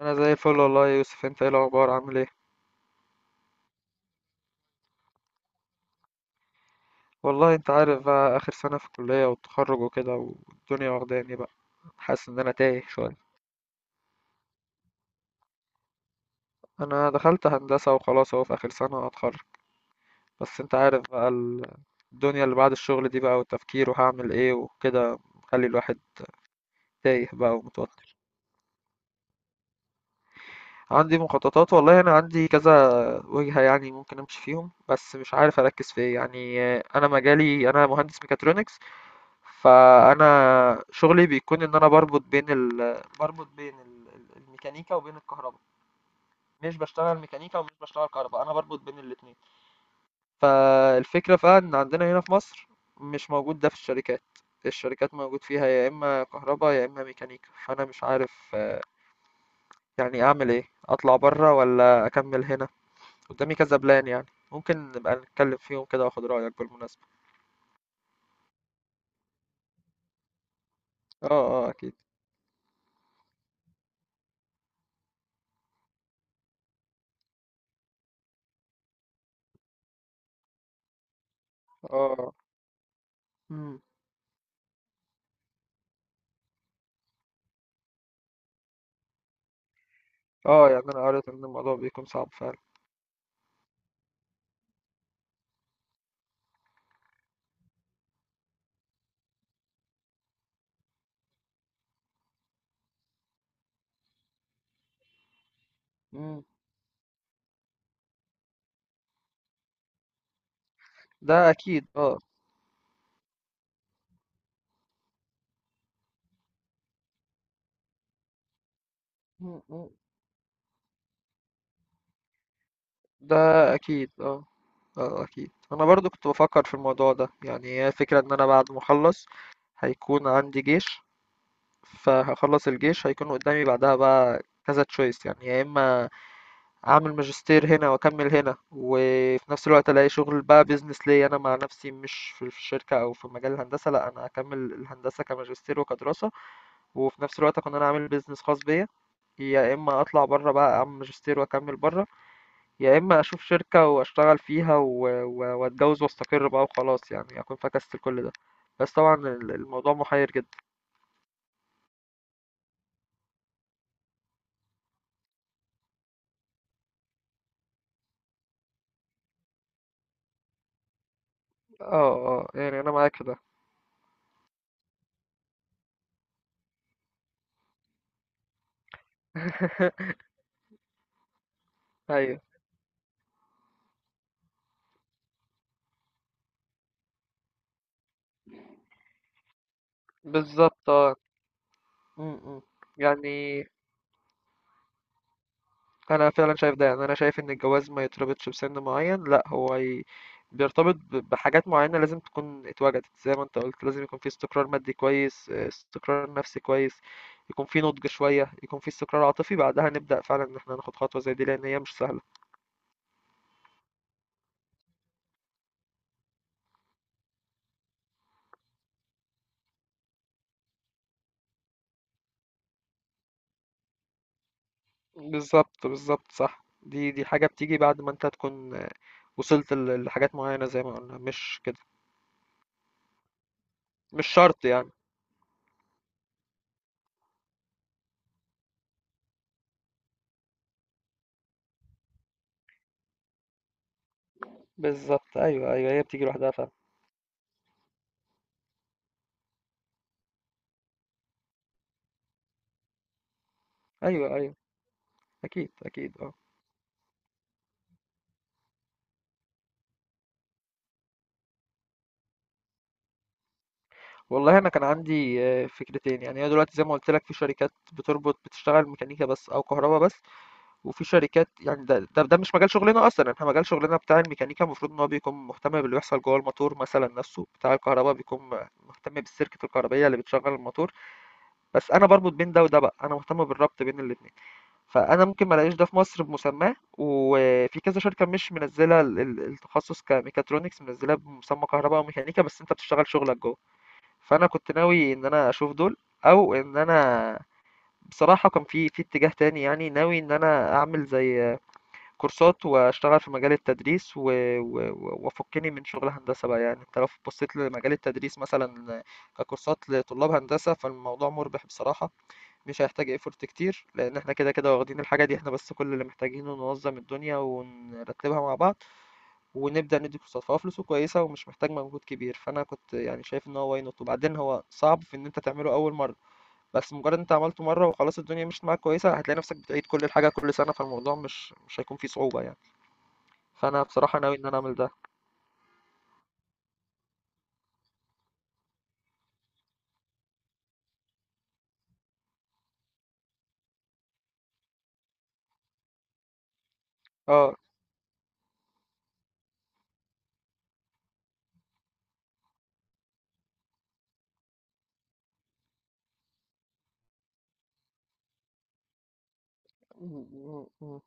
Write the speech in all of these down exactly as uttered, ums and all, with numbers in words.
انا زي الفل، والله يا يوسف، انت ايه الاخبار؟ عامل ايه؟ والله انت عارف بقى، اخر سنه في الكليه والتخرج وكده، والدنيا واخداني بقى. حاسس ان انا تايه شويه. انا دخلت هندسه، وخلاص اهو في اخر سنه هتخرج. بس انت عارف بقى ال- الدنيا اللي بعد الشغل دي بقى، والتفكير، وهعمل ايه وكده، مخلي الواحد تايه بقى ومتوتر. عندي مخططات والله، انا عندي كذا وجهه يعني ممكن امشي فيهم، بس مش عارف اركز في ايه يعني. آه، انا مجالي، انا مهندس ميكاترونكس. فأنا شغلي بيكون إن أنا باربط بين ال باربط بين ال ال الميكانيكا وبين الكهرباء. مش باشتغل ميكانيكا ومش باشتغل كهرباء، أنا بربط بين الاتنين. فالفكرة بقى إن عندنا هنا في مصر مش موجود ده في الشركات. الشركات موجود فيها يا إما كهرباء يا إما ميكانيكا. فأنا مش عارف، آه، يعني أعمل إيه؟ أطلع بره ولا أكمل هنا؟ قدامي كذا بلان يعني. ممكن نبقى نتكلم فيهم كده، وآخد رأيك بالمناسبة. اه اه، أكيد. اه. مم. اه يعني أنا قريت إن الموضوع بيكون صعب فعلا. مم. ده اكيد اه. م- م. ده اكيد اه. اه اكيد، انا برضو كنت بفكر في الموضوع ده يعني. هي الفكرة ان انا بعد ما اخلص هيكون عندي جيش. فهخلص الجيش هيكون قدامي، بعدها بقى كذا تشويس، يعني يا اما اعمل ماجستير هنا واكمل هنا، وفي نفس الوقت الاقي شغل بقى، بيزنس ليا انا مع نفسي، مش في في الشركة او في مجال الهندسة. لا، انا هكمل الهندسة كماجستير وكدراسة، وفي نفس الوقت اكون انا عامل بيزنس خاص بيا. يا اما اطلع بره بقى، اعمل ماجستير واكمل بره. يا اما اشوف شركة واشتغل فيها و... و... واتجوز واستقر بقى وخلاص، يعني اكون فكست كل ده. بس طبعا ال- الموضوع محير جدا. اه اه، يعني انا معاك في ده. ايوه. بالظبط اه. م- م. يعني انا فعلا شايف ده. يعني انا شايف ان الجواز ما يتربطش بسن معين، لا هو ي... بيرتبط ب- بحاجات معينة لازم تكون اتوجدت. زي ما انت قلت، لازم يكون في استقرار مادي كويس، آه، استقرار نفسي كويس، يكون في نضج شوية، يكون في استقرار عاطفي. بعدها نبدأ فعلا ان احنا ناخد خطوة زي دي، لان هي مش سهلة. بالظبط بالظبط، صح. دي دي حاجة بتيجي بعد ما انت تكون، آه، وصلت ل- لحاجات معينة، زي ما قلنا، مش كده؟ مش شرط يعني. بالظبط، ايوه ايوه، هي بتيجي لوحدها فعلا. ايوه ايوه، اكيد اكيد اه. والله انا كان عندي، آه، فكرتين يعني. هي دلوقتي زي ما قلت لك، في شركات بتربط، بتشتغل ميكانيكا بس او كهرباء بس. وفي شركات يعني ده, ده ده مش مجال شغلنا اصلا. احنا مجال شغلنا بتاع الميكانيكا، المفروض ان هو بيكون مهتم باللي بيحصل جوه الموتور مثلا نفسه، بتاع الكهرباء بيكون مهتم بالسيركت الكهربائيه اللي بتشغل الموتور. بس انا بربط بين ده وده بقى، انا مهتم بالربط بين الاثنين. فانا ممكن ما الاقيش ده في مصر بمسماه، وفي كذا شركه مش منزله ال- ال- التخصص كميكاترونكس، منزلاه بمسمى كهرباء وميكانيكا بس انت بتشتغل شغلك جوه. فانا كنت ناوي ان انا اشوف دول، او ان انا بصراحة كان في في اتجاه تاني يعني. ناوي ان انا اعمل زي كورسات واشتغل في مجال التدريس، و... و... وافكني من شغل هندسة بقى. يعني انت لو بصيت لمجال التدريس مثلا ككورسات لطلاب هندسة، فالموضوع مربح بصراحة. مش هيحتاج ايفورت كتير لان احنا كده كده واخدين الحاجة دي. احنا بس كل اللي محتاجينه ننظم الدنيا ونرتبها مع بعض، ونبدأ ندي كورسات. فهو فلوسه كويسة، ومش محتاج مجهود كبير. فأنا كنت يعني شايف إن هو واي نوت. وبعدين هو صعب في إن أنت تعمله أول مرة، بس مجرد أنت عملته مرة وخلاص الدنيا مشيت معاك كويسة، هتلاقي نفسك بتعيد كل الحاجة كل سنة. فالموضوع مش مش هيكون فيه صعوبة يعني. فأنا بصراحة ناوي إن أنا أعمل ده. اه. م- م- م.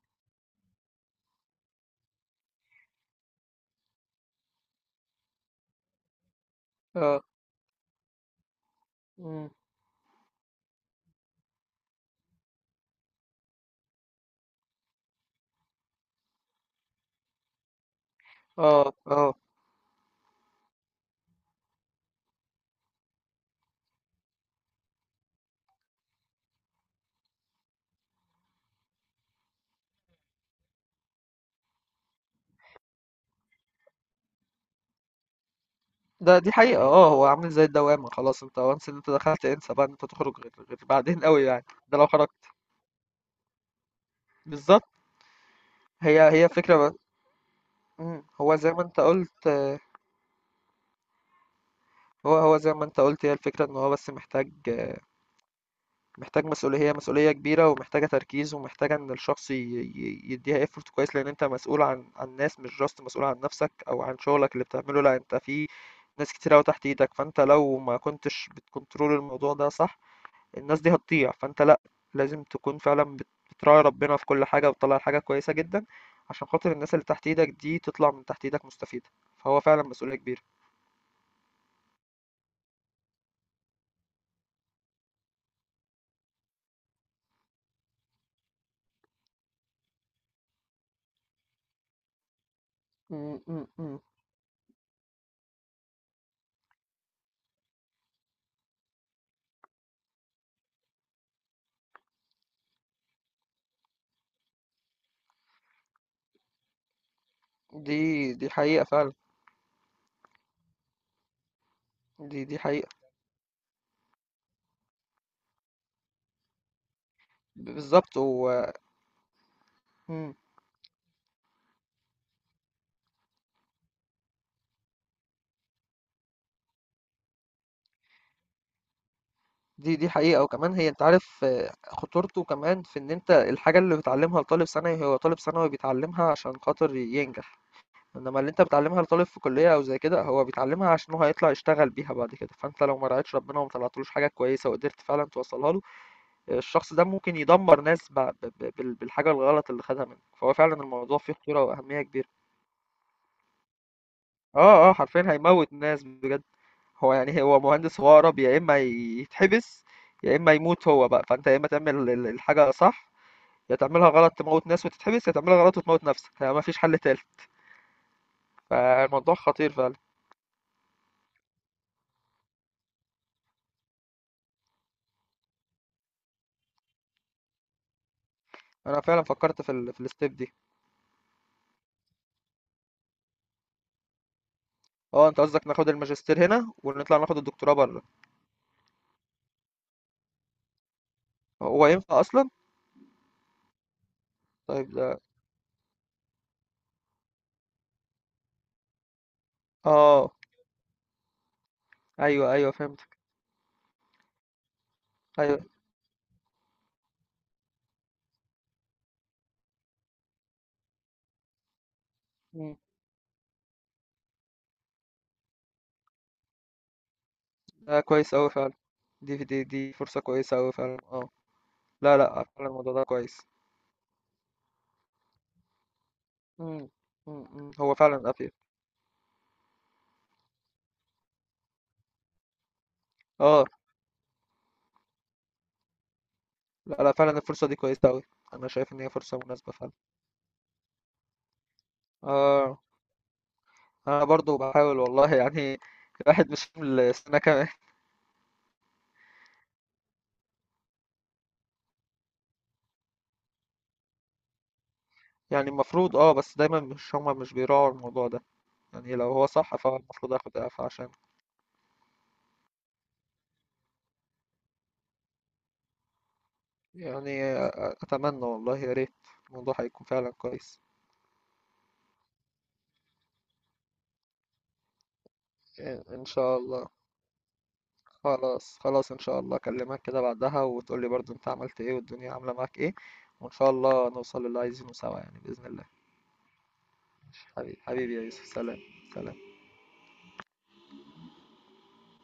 اه. م. اه اه، ده دي حقيقة اه. هو عامل زي الدوامة، خلاص انت وانس ان انت دخلت، انسى بقى ان انت تخرج غير غير بعدين قوي يعني، ده لو خرجت. بالظبط، هي هي فكرة بقى. مم. هو زي ما انت قلت. هو هو زي ما انت قلت، هي الفكرة ان هو بس محتاج محتاج مسؤولية. هي مسؤولية كبيرة، ومحتاجة تركيز، ومحتاجة ان الشخص ي- ي- يديها effort كويس، لان انت مسؤول عن عن ناس، مش جاست مسؤول عن نفسك او عن شغلك اللي بتعمله. لا، انت في ناس كتير قوي تحت ايدك. فانت لو ما كنتش بتكنترول الموضوع ده صح، الناس دي هتضيع. فانت لا، لازم تكون فعلا بت- بتراعي ربنا في كل حاجة، وتطلع حاجة كويسة جدا عشان خاطر الناس اللي تحت ايدك دي تطلع من تحت ايدك مستفيدة. فهو فعلا مسؤولية كبيرة. م- م- م. دي دي حقيقة فعلا. دي دي حقيقة. ب- بالظبط و. مم. دي دي حقيقة. وكمان هي انت عارف آه، خطورته كمان في ان انت الحاجة اللي بتعلمها لطالب ثانوي، هو طالب ثانوي بيتعلمها عشان خاطر ينجح. انما اللي انت بتعلمها لطالب في كلية او زي كده، هو بيتعلمها عشان هو هيطلع يشتغل بيها بعد كده. فانت لو ما رعيتش ربنا وما طلعتلوش حاجة كويسة وقدرت فعلا توصلها له، آه، الشخص ده ممكن يدمر ناس ب... ب... ب... بال- بالحاجة الغلط اللي خدها منك. فهو فعلا الموضوع فيه خطورة واهمية كبيرة. اه اه، حرفيا هيموت ناس بجد. هو يعني هو مهندس، هو أقرب يا إما يتحبس يا إما يموت هو بقى. فأنت يا إما تعمل ال- ال- الحاجة صح، يا تعملها غلط تموت ناس وتتحبس، يا تعملها غلط وتموت نفسك. يعني مفيش حل تالت. فالموضوع خطير فعلا. أنا فعلا فكرت في ال في الستيب دي. اه، أنت قصدك ناخد الماجستير هنا ونطلع ناخد الدكتوراه بره؟ هو ينفع أصلا؟ طيب ده. اه. أيوه أيوه، فهمتك. أيوه. مم. ده كويس أوي فعلا. دي دي دي فرصة كويسة أوي فعلا اه. لا لا، فعلا الموضوع ده كويس. مم. مم. مم. هو فعلا أفيد. اه. لا لا، فعلا الفرصة دي كويسة أوي. أنا شايف إن هي فرصة مناسبة فعلا. آه. أنا برضو بحاول والله، يعني. الواحد مش من السنة كمان. يعني المفروض اه بس دايما مش هما مش بيراعوا الموضوع ده. يعني لو هو صح فهو المفروض اخد اعفاء عشان. يعني، أتمنى والله، يا ريت الموضوع هيكون فعلا كويس. إن إن شاء الله. خلاص خلاص، إن شاء الله أكلمك كده بعدها، وتقولي برضو أنت عملت إيه والدنيا عاملة معاك إيه. وإن شاء الله نوصل للي عايزينه سوا يعني، بإذن الله. حبيبي حبيبي يا يوسف، سلام. سلام.